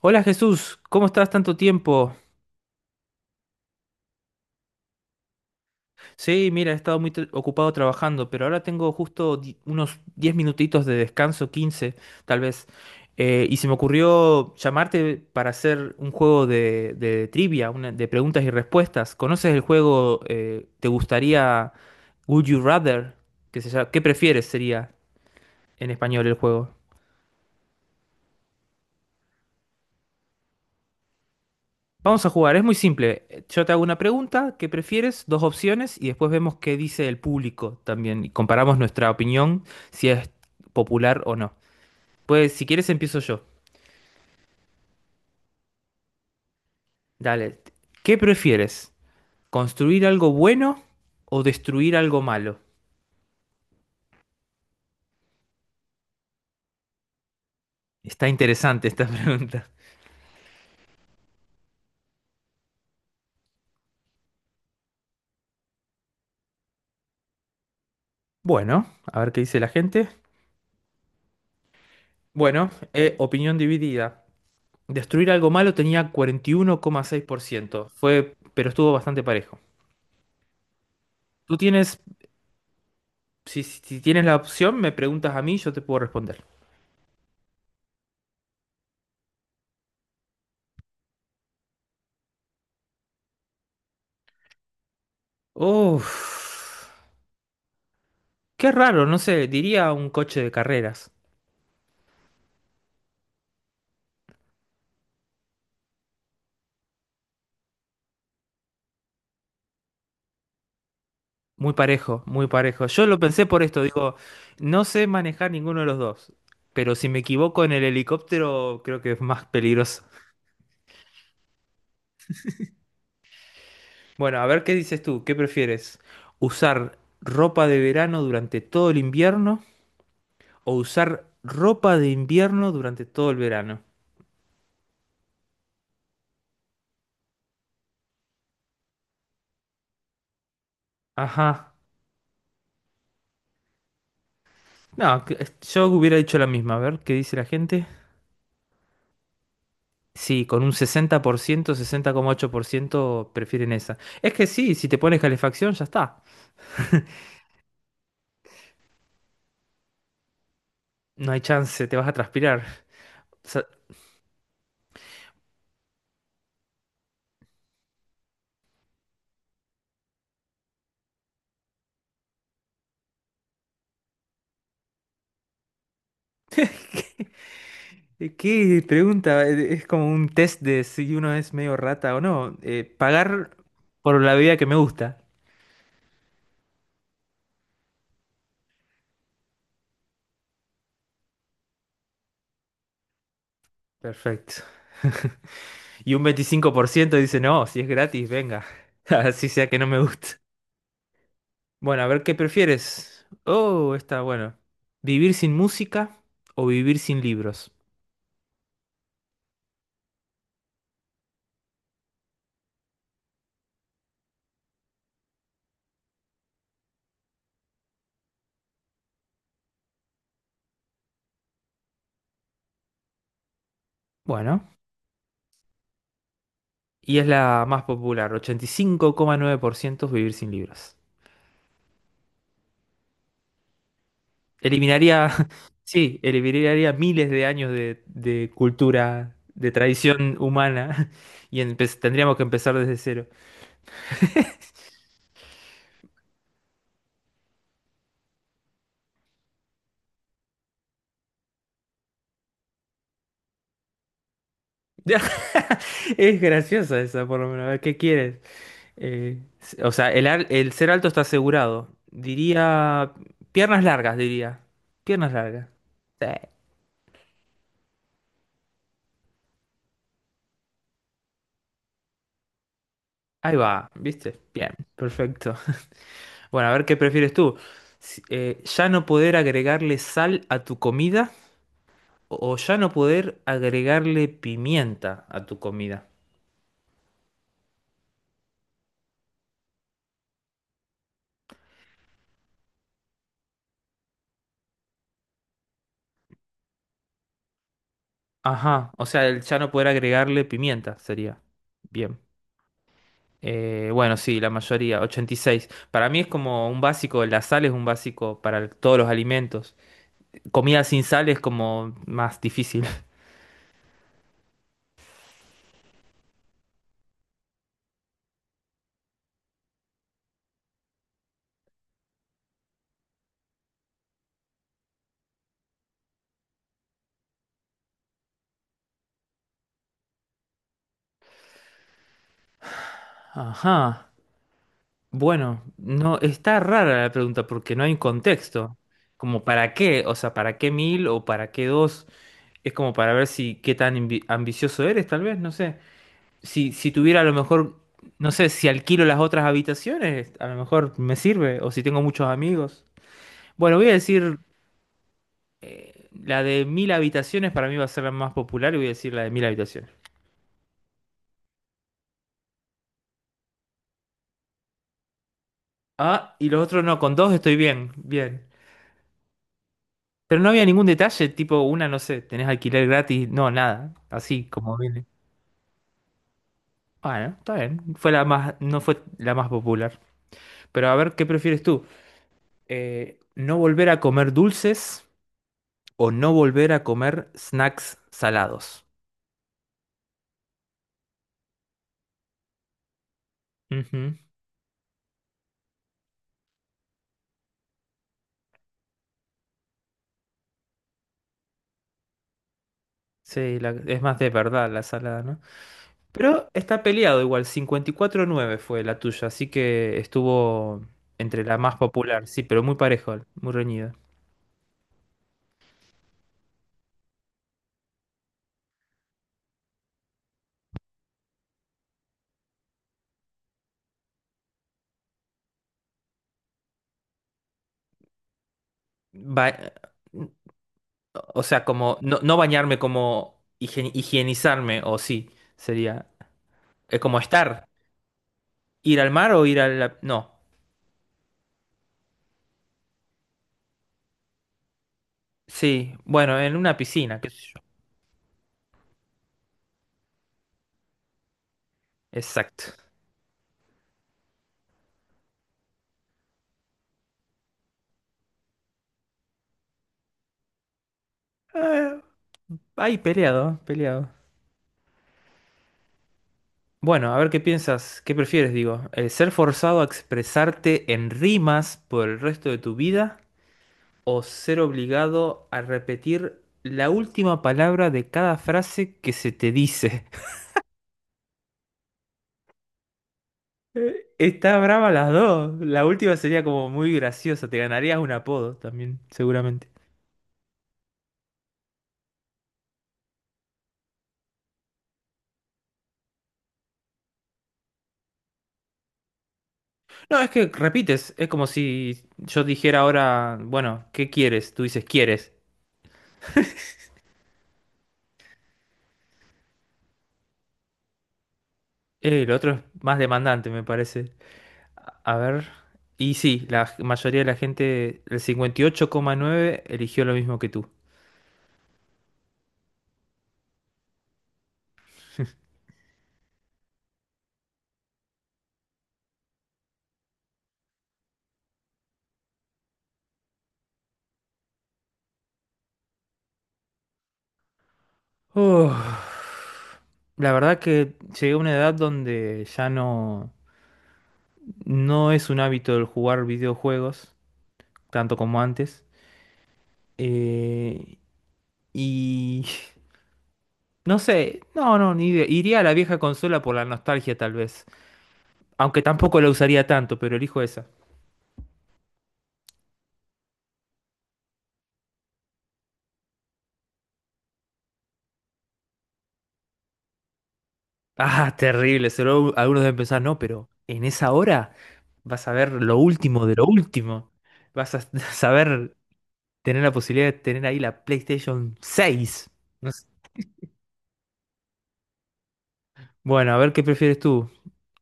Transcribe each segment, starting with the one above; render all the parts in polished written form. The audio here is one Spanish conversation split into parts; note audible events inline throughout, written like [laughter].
Hola Jesús, ¿cómo estás tanto tiempo? Sí, mira, he estado muy ocupado trabajando, pero ahora tengo justo unos 10 minutitos de descanso, 15, tal vez. Y se me ocurrió llamarte para hacer un juego de trivia, de preguntas y respuestas. ¿Conoces el juego? ¿Te gustaría Would You Rather? ¿Qué prefieres sería en español el juego? Vamos a jugar, es muy simple. Yo te hago una pregunta, ¿qué prefieres? Dos opciones y después vemos qué dice el público también. Y comparamos nuestra opinión, si es popular o no. Pues si quieres empiezo yo. Dale, ¿qué prefieres? ¿Construir algo bueno o destruir algo malo? Está interesante esta [laughs] pregunta. Bueno, a ver qué dice la gente. Bueno, opinión dividida. Destruir algo malo tenía 41,6%. Fue, pero estuvo bastante parejo. Tú tienes. Si tienes la opción, me preguntas a mí, yo te puedo responder. Uf, qué raro, no sé, diría un coche de carreras. Muy parejo, muy parejo. Yo lo pensé por esto, digo, no sé manejar ninguno de los dos, pero si me equivoco en el helicóptero, creo que es más peligroso. Bueno, a ver qué dices tú, ¿qué prefieres? ¿Usar ropa de verano durante todo el invierno o usar ropa de invierno durante todo el verano? Ajá. No, yo hubiera dicho la misma. A ver, ¿qué dice la gente? Sí, con un sesenta sesenta por ciento, 60,8% prefieren esa. Es que sí, si te pones calefacción ya está. No hay chance, te vas a transpirar. O sea, ¿qué pregunta? Es como un test de si uno es medio rata o no. Pagar por la bebida que me gusta. Perfecto. [laughs] Y un 25% dice, no, si es gratis, venga. [laughs] Así sea que no me gusta. Bueno, a ver qué prefieres. Oh, está bueno. ¿Vivir sin música o vivir sin libros? Bueno. Y es la más popular, 85,9% es vivir sin libros. Eliminaría, [laughs] sí, eliminaría miles de años de cultura, de tradición humana, [laughs] y tendríamos que empezar desde cero. [laughs] Es graciosa esa, por lo menos. A ver, ¿qué quieres? Eh, o sea, el ser alto está asegurado. Diría, piernas largas, diría. Piernas largas. Sí, ahí va, ¿viste? Bien, perfecto. Bueno, a ver qué prefieres tú. ¿Ya no poder agregarle sal a tu comida o ya no poder agregarle pimienta a tu comida? Ajá, o sea, el ya no poder agregarle pimienta sería. Bien. Bueno, sí, la mayoría, 86. Para mí es como un básico, la sal es un básico para todos los alimentos. Comida sin sal es como más difícil. [laughs] Ajá. Bueno, no, está rara la pregunta porque no hay un contexto. Como para qué, o sea, para qué mil o para qué dos. Es como para ver si qué tan ambicioso eres, tal vez, no sé. Si tuviera a lo mejor, no sé, si alquilo las otras habitaciones, a lo mejor me sirve, o si tengo muchos amigos. Bueno, voy a decir, la de mil habitaciones para mí va a ser la más popular y voy a decir la de mil habitaciones. Ah, y los otros no, con dos estoy bien, bien. Pero no había ningún detalle, tipo una, no sé, tenés alquiler gratis, no, nada, así como viene. Bueno, está bien, fue la más, no fue la más popular. Pero a ver, ¿qué prefieres tú? ¿No volver a comer dulces o no volver a comer snacks salados? Ujú. Sí, es más de verdad la salada, ¿no? Pero está peleado igual, 54,9 fue la tuya, así que estuvo entre la más popular, sí, pero muy parejo, muy reñido. Va, o sea, como no, no bañarme, como higienizarme, o sí, sería. Es como estar. Ir al mar o ir a la. No. Sí, bueno, en una piscina. Qué sé yo. Exacto. Ah, ahí peleado, peleado. Bueno, a ver qué piensas, qué prefieres, digo. ¿Ser forzado a expresarte en rimas por el resto de tu vida o ser obligado a repetir la última palabra de cada frase que se te dice? Está brava las dos. La última sería como muy graciosa. Te ganarías un apodo también, seguramente. No, es que repites. Es como si yo dijera ahora, bueno, ¿qué quieres? Tú dices, ¿quieres? El otro es más demandante, me parece. A ver. Y sí, la mayoría de la gente, el 58,9 eligió lo mismo que tú. Uf. La verdad que llegué a una edad donde ya no, no es un hábito el jugar videojuegos, tanto como antes. Eh, y [laughs] no sé, no, no, ni idea. Iría a la vieja consola por la nostalgia tal vez. Aunque tampoco la usaría tanto, pero elijo esa. [laughs] Ah, terrible, solo algunos deben pensar, no, pero en esa hora vas a ver lo último de lo último. Vas a [laughs] saber tener la posibilidad de tener ahí la PlayStation 6. No sé. Bueno, a ver qué prefieres tú.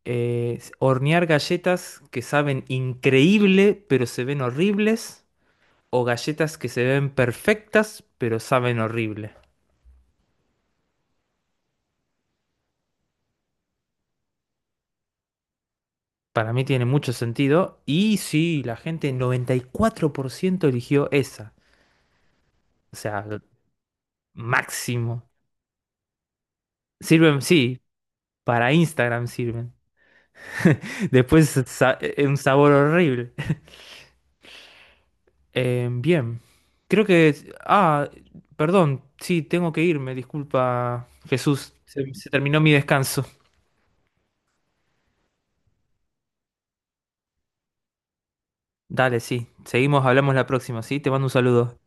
Hornear galletas que saben increíble, pero se ven horribles, o galletas que se ven perfectas pero saben horrible. Para mí tiene mucho sentido y sí, la gente 94% eligió esa. O sea, máximo. Sirven, sí, para Instagram sirven. [laughs] Después un sabor horrible. Bien, creo que... Ah, perdón, sí, tengo que irme, disculpa Jesús. Se terminó mi descanso. Dale, sí. Seguimos, hablamos la próxima, ¿sí? Te mando un saludo.